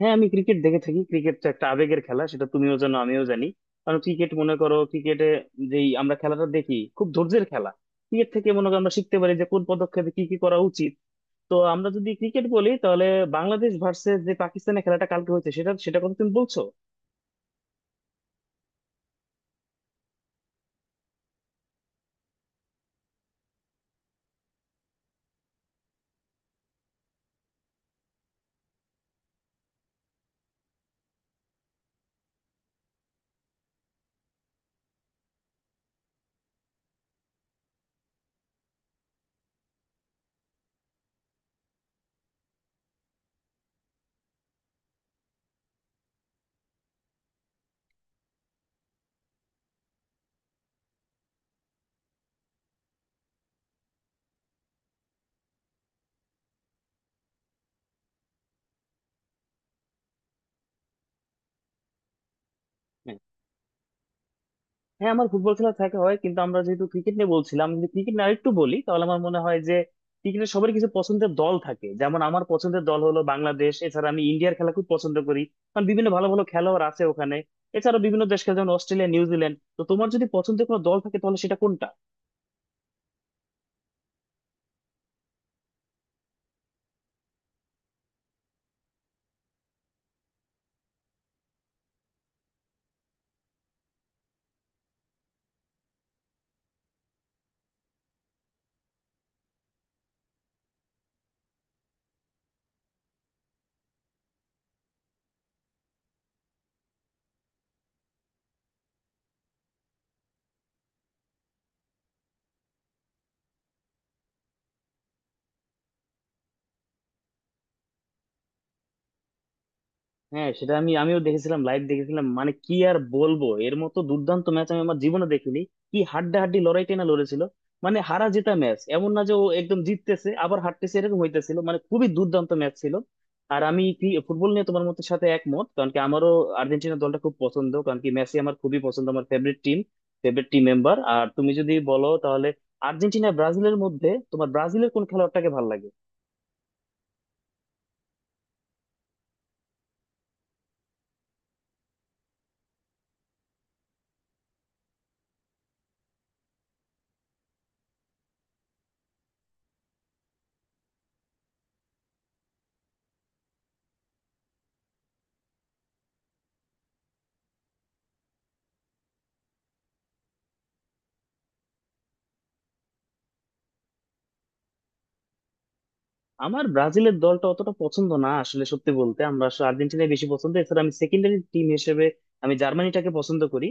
হ্যাঁ, আমি ক্রিকেট দেখে থাকি। ক্রিকেট তো একটা আবেগের খেলা, সেটা তুমিও জানো, আমিও জানি। কারণ ক্রিকেট মনে করো, ক্রিকেটে যেই আমরা খেলাটা দেখি, খুব ধৈর্যের খেলা। ক্রিকেট থেকে মনে করো আমরা শিখতে পারি যে কোন পদক্ষেপে কি কি করা উচিত। তো আমরা যদি ক্রিকেট বলি, তাহলে বাংলাদেশ ভার্সেস যে পাকিস্তানের খেলাটা কালকে হয়েছে, সেটা সেটা কথা তুমি বলছো? হ্যাঁ, আমার ফুটবল খেলা দেখা হয়, কিন্তু আমরা যেহেতু ক্রিকেট নিয়ে বলছিলাম, যদি ক্রিকেট নিয়ে আরেকটু বলি তাহলে আমার মনে হয় যে ক্রিকেটের সবার কিছু পছন্দের দল থাকে। যেমন আমার পছন্দের দল হলো বাংলাদেশ, এছাড়া আমি ইন্ডিয়ার খেলা খুব পছন্দ করি, কারণ বিভিন্ন ভালো ভালো খেলোয়াড় আছে ওখানে। এছাড়া বিভিন্ন দেশ খেলে, যেমন অস্ট্রেলিয়া, নিউজিল্যান্ড। তো তোমার যদি পছন্দের কোনো দল থাকে, তাহলে সেটা কোনটা? হ্যাঁ, সেটা আমিও দেখেছিলাম, লাইভ দেখেছিলাম। মানে কি আর বলবো, এর মতো দুর্দান্ত ম্যাচ আমি আমার জীবনে দেখিনি। কি হাড্ডাহাড্ডি লড়াই টেনা লড়েছিল, মানে হারা জেতা ম্যাচ, এমন না যে ও একদম জিততেছে, আবার হারতেছে, এরকম হইতেছিল। মানে খুবই দুর্দান্ত ম্যাচ ছিল। আর আমি কি ফুটবল নিয়ে তোমার মতের সাথে একমত, কারণ কি আমারও আর্জেন্টিনা দলটা খুব পছন্দ, কারণ কি মেসি আমার খুবই পছন্দ, আমার favourite team, favourite team member. আর তুমি যদি বলো তাহলে আর্জেন্টিনা, ব্রাজিলের মধ্যে, তোমার ব্রাজিলের কোন খেলোয়াড়টাকে ভালো লাগে? আমার ব্রাজিলের দলটা অতটা পছন্দ না, আসলে সত্যি বলতে আমরা আসলে আর্জেন্টিনাই বেশি পছন্দ। এছাড়া আমি সেকেন্ডারি টিম হিসেবে আমি জার্মানিটাকে পছন্দ করি।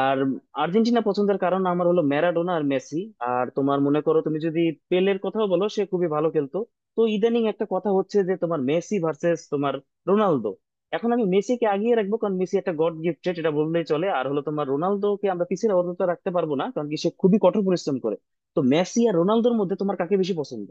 আর আর্জেন্টিনা পছন্দের কারণ আমার হলো ম্যারাডোনা আর মেসি। আর তোমার মনে করো, তুমি যদি পেলের কথাও বলো, সে খুবই ভালো খেলতো। তো ইদানিং একটা কথা হচ্ছে যে তোমার মেসি ভার্সেস তোমার রোনালদো। এখন আমি মেসিকে আগিয়ে রাখবো, কারণ মেসি একটা গড গিফটেড, এটা বললেই চলে। আর হলো তোমার রোনালদোকে আমরা পিছিয়ে অন্তত রাখতে পারবো না, কারণ কি সে খুবই কঠোর পরিশ্রম করে। তো মেসি আর রোনালদোর মধ্যে তোমার কাকে বেশি পছন্দ?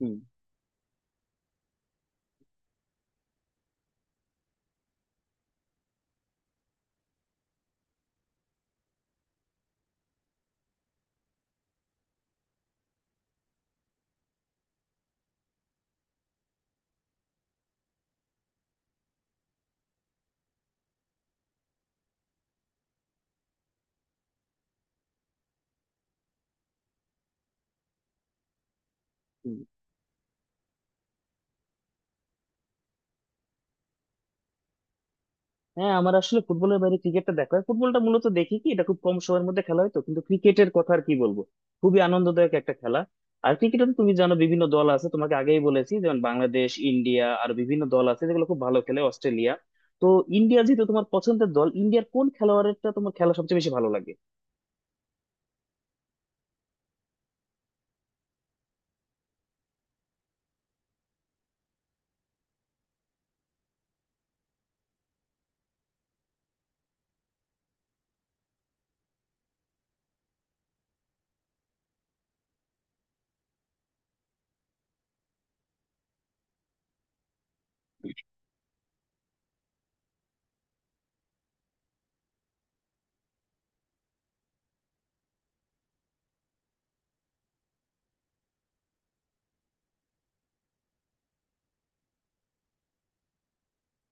হুম। হুম। হ্যাঁ, আমার আসলে ফুটবলের বাইরে ক্রিকেটটা দেখা হয়। ফুটবলটা মূলত দেখি কি, এটা খুব কম সময়ের মধ্যে খেলা হয়। তো কিন্তু ক্রিকেটের কথা আর কি বলবো, খুবই আনন্দদায়ক একটা খেলা। আর ক্রিকেটে তো তুমি জানো বিভিন্ন দল আছে, তোমাকে আগেই বলেছি, যেমন বাংলাদেশ, ইন্ডিয়া। আর বিভিন্ন দল আছে যেগুলো খুব ভালো খেলে, অস্ট্রেলিয়া। তো ইন্ডিয়া যেহেতু তোমার পছন্দের দল, ইন্ডিয়ার কোন খেলোয়াড়টা তোমার খেলা সবচেয়ে বেশি ভালো লাগে?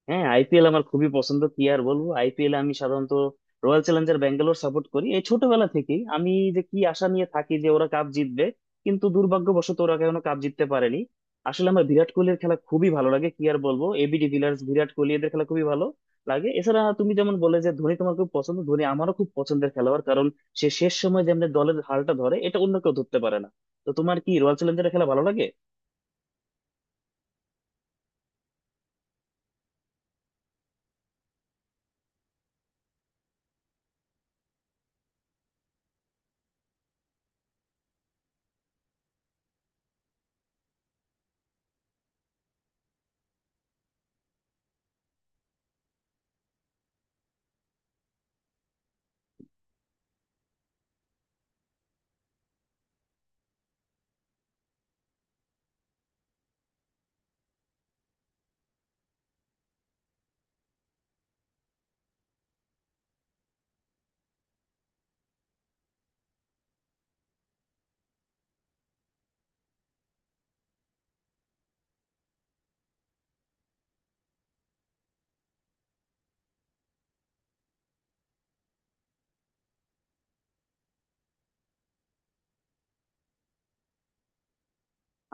হ্যাঁ, আইপিএল আমার খুবই পছন্দ। কি আর বলবো, আইপিএল আমি সাধারণত রয়্যাল চ্যালেঞ্জার ব্যাঙ্গালোর সাপোর্ট করি। এই ছোটবেলা থেকেই আমি যে কি আশা নিয়ে থাকি যে ওরা কাপ জিতবে, কিন্তু দুর্ভাগ্যবশত ওরা এখনো কাপ জিততে পারেনি। আসলে আমার বিরাট কোহলির খেলা খুবই ভালো লাগে। কি আর বলবো, এবি ডিভিলিয়ার্স, বিরাট কোহলি, এদের খেলা খুবই ভালো লাগে। এছাড়া তুমি যেমন বলে যে ধোনি তোমার খুব পছন্দ, ধোনি আমারও খুব পছন্দের খেলোয়াড়, কারণ সে শেষ সময় যেমন দলের হালটা ধরে, এটা অন্য কেউ ধরতে পারে না। তো তোমার কি রয়্যাল চ্যালেঞ্জার্সের খেলা ভালো লাগে?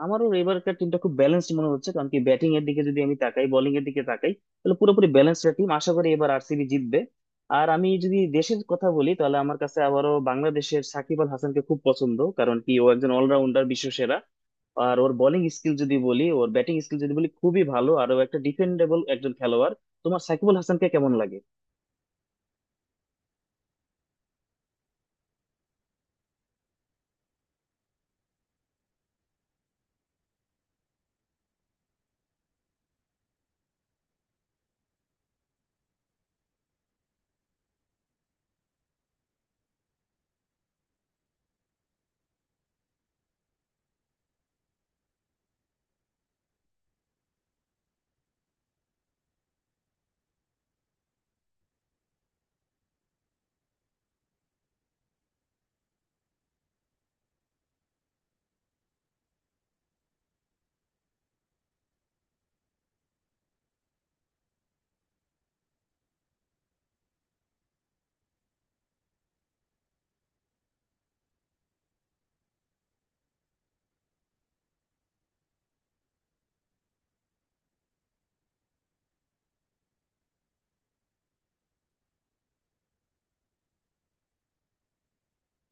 আমারও এবারকার টিমটা খুব ব্যালেন্সড মনে হচ্ছে, কারণ কি ব্যাটিং এর দিকে যদি আমি তাকাই, বোলিং এর দিকে তাকাই, তাহলে পুরোপুরি ব্যালেন্সড টিম। আশা করি এবার আরসিবি জিতবে। আর আমি যদি দেশের কথা বলি, তাহলে আমার কাছে আবারও বাংলাদেশের সাকিব আল হাসানকে খুব পছন্দ, কারণ কি ও একজন অলরাউন্ডার, বিশ্বসেরা। আর ওর বোলিং স্কিল যদি বলি, ওর ব্যাটিং স্কিল যদি বলি, খুবই ভালো। আর ও একটা ডিফেন্ডেবল একজন খেলোয়াড়। তোমার সাকিব আল হাসানকে কেমন লাগে?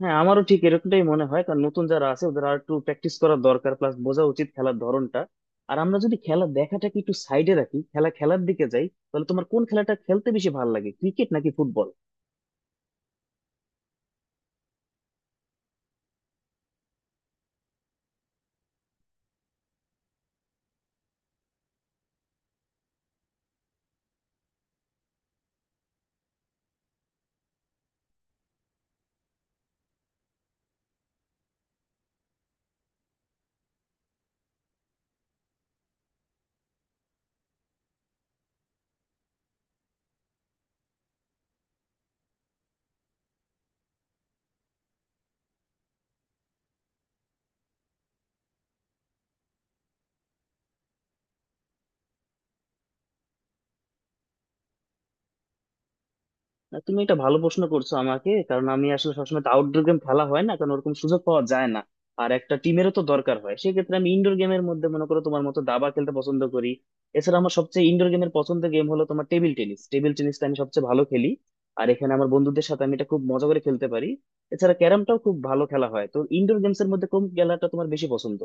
হ্যাঁ, আমারও ঠিক এরকমটাই মনে হয়, কারণ নতুন যারা আছে ওদের আর একটু প্র্যাকটিস করার দরকার, প্লাস বোঝা উচিত খেলার ধরনটা। আর আমরা যদি খেলা দেখাটাকে একটু সাইডে রাখি, খেলা খেলার দিকে যাই, তাহলে তোমার কোন খেলাটা খেলতে বেশি ভালো লাগে, ক্রিকেট নাকি ফুটবল? না, তুমি এটা ভালো প্রশ্ন করছো আমাকে, কারণ আমি আসলে সবসময় তো আউটডোর গেম খেলা হয় না, কারণ ওরকম সুযোগ পাওয়া যায় না। আর একটা টিমেরও তো দরকার হয়। সেক্ষেত্রে আমি ইনডোর গেমের মধ্যে মনে করো, তোমার মতো দাবা খেলতে পছন্দ করি। এছাড়া আমার সবচেয়ে ইনডোর গেমের পছন্দের গেম হলো তোমার টেবিল টেনিস। টেবিল টেনিসটা আমি সবচেয়ে ভালো খেলি, আর এখানে আমার বন্ধুদের সাথে আমি এটা খুব মজা করে খেলতে পারি। এছাড়া ক্যারামটাও খুব ভালো খেলা হয়। তো ইনডোর গেমস এর মধ্যে কোন খেলাটা তোমার বেশি পছন্দ?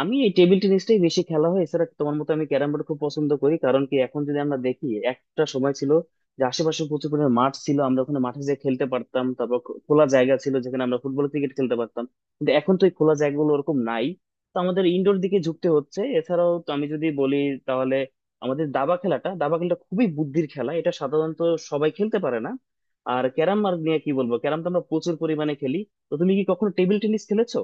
আমি এই টেবিল টেনিসটাই বেশি খেলা হয়। এছাড়া তোমার মতো আমি ক্যারাম বোর্ড খুব পছন্দ করি, কারণ কি এখন যদি আমরা দেখি, একটা সময় ছিল যে আশেপাশে প্রচুর পরিমাণে মাঠ ছিল, আমরা ওখানে মাঠে যেয়ে খেলতে পারতাম। তারপর খোলা জায়গা ছিল যেখানে আমরা ফুটবল, ক্রিকেট খেলতে পারতাম, কিন্তু এখন তো এই খোলা জায়গাগুলো ওরকম নাই। তো আমাদের ইনডোর দিকে ঝুঁকতে হচ্ছে। এছাড়াও তো আমি যদি বলি তাহলে আমাদের দাবা খেলাটা, দাবা খেলাটা খুবই বুদ্ধির খেলা, এটা সাধারণত সবাই খেলতে পারে না। আর ক্যারাম আর নিয়ে কি বলবো, ক্যারাম তো আমরা প্রচুর পরিমাণে খেলি। তো তুমি কি কখনো টেবিল টেনিস খেলেছো?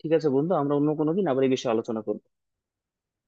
ঠিক আছে বন্ধু, আমরা অন্য কোনো দিন আবার এই বিষয়ে আলোচনা করবো।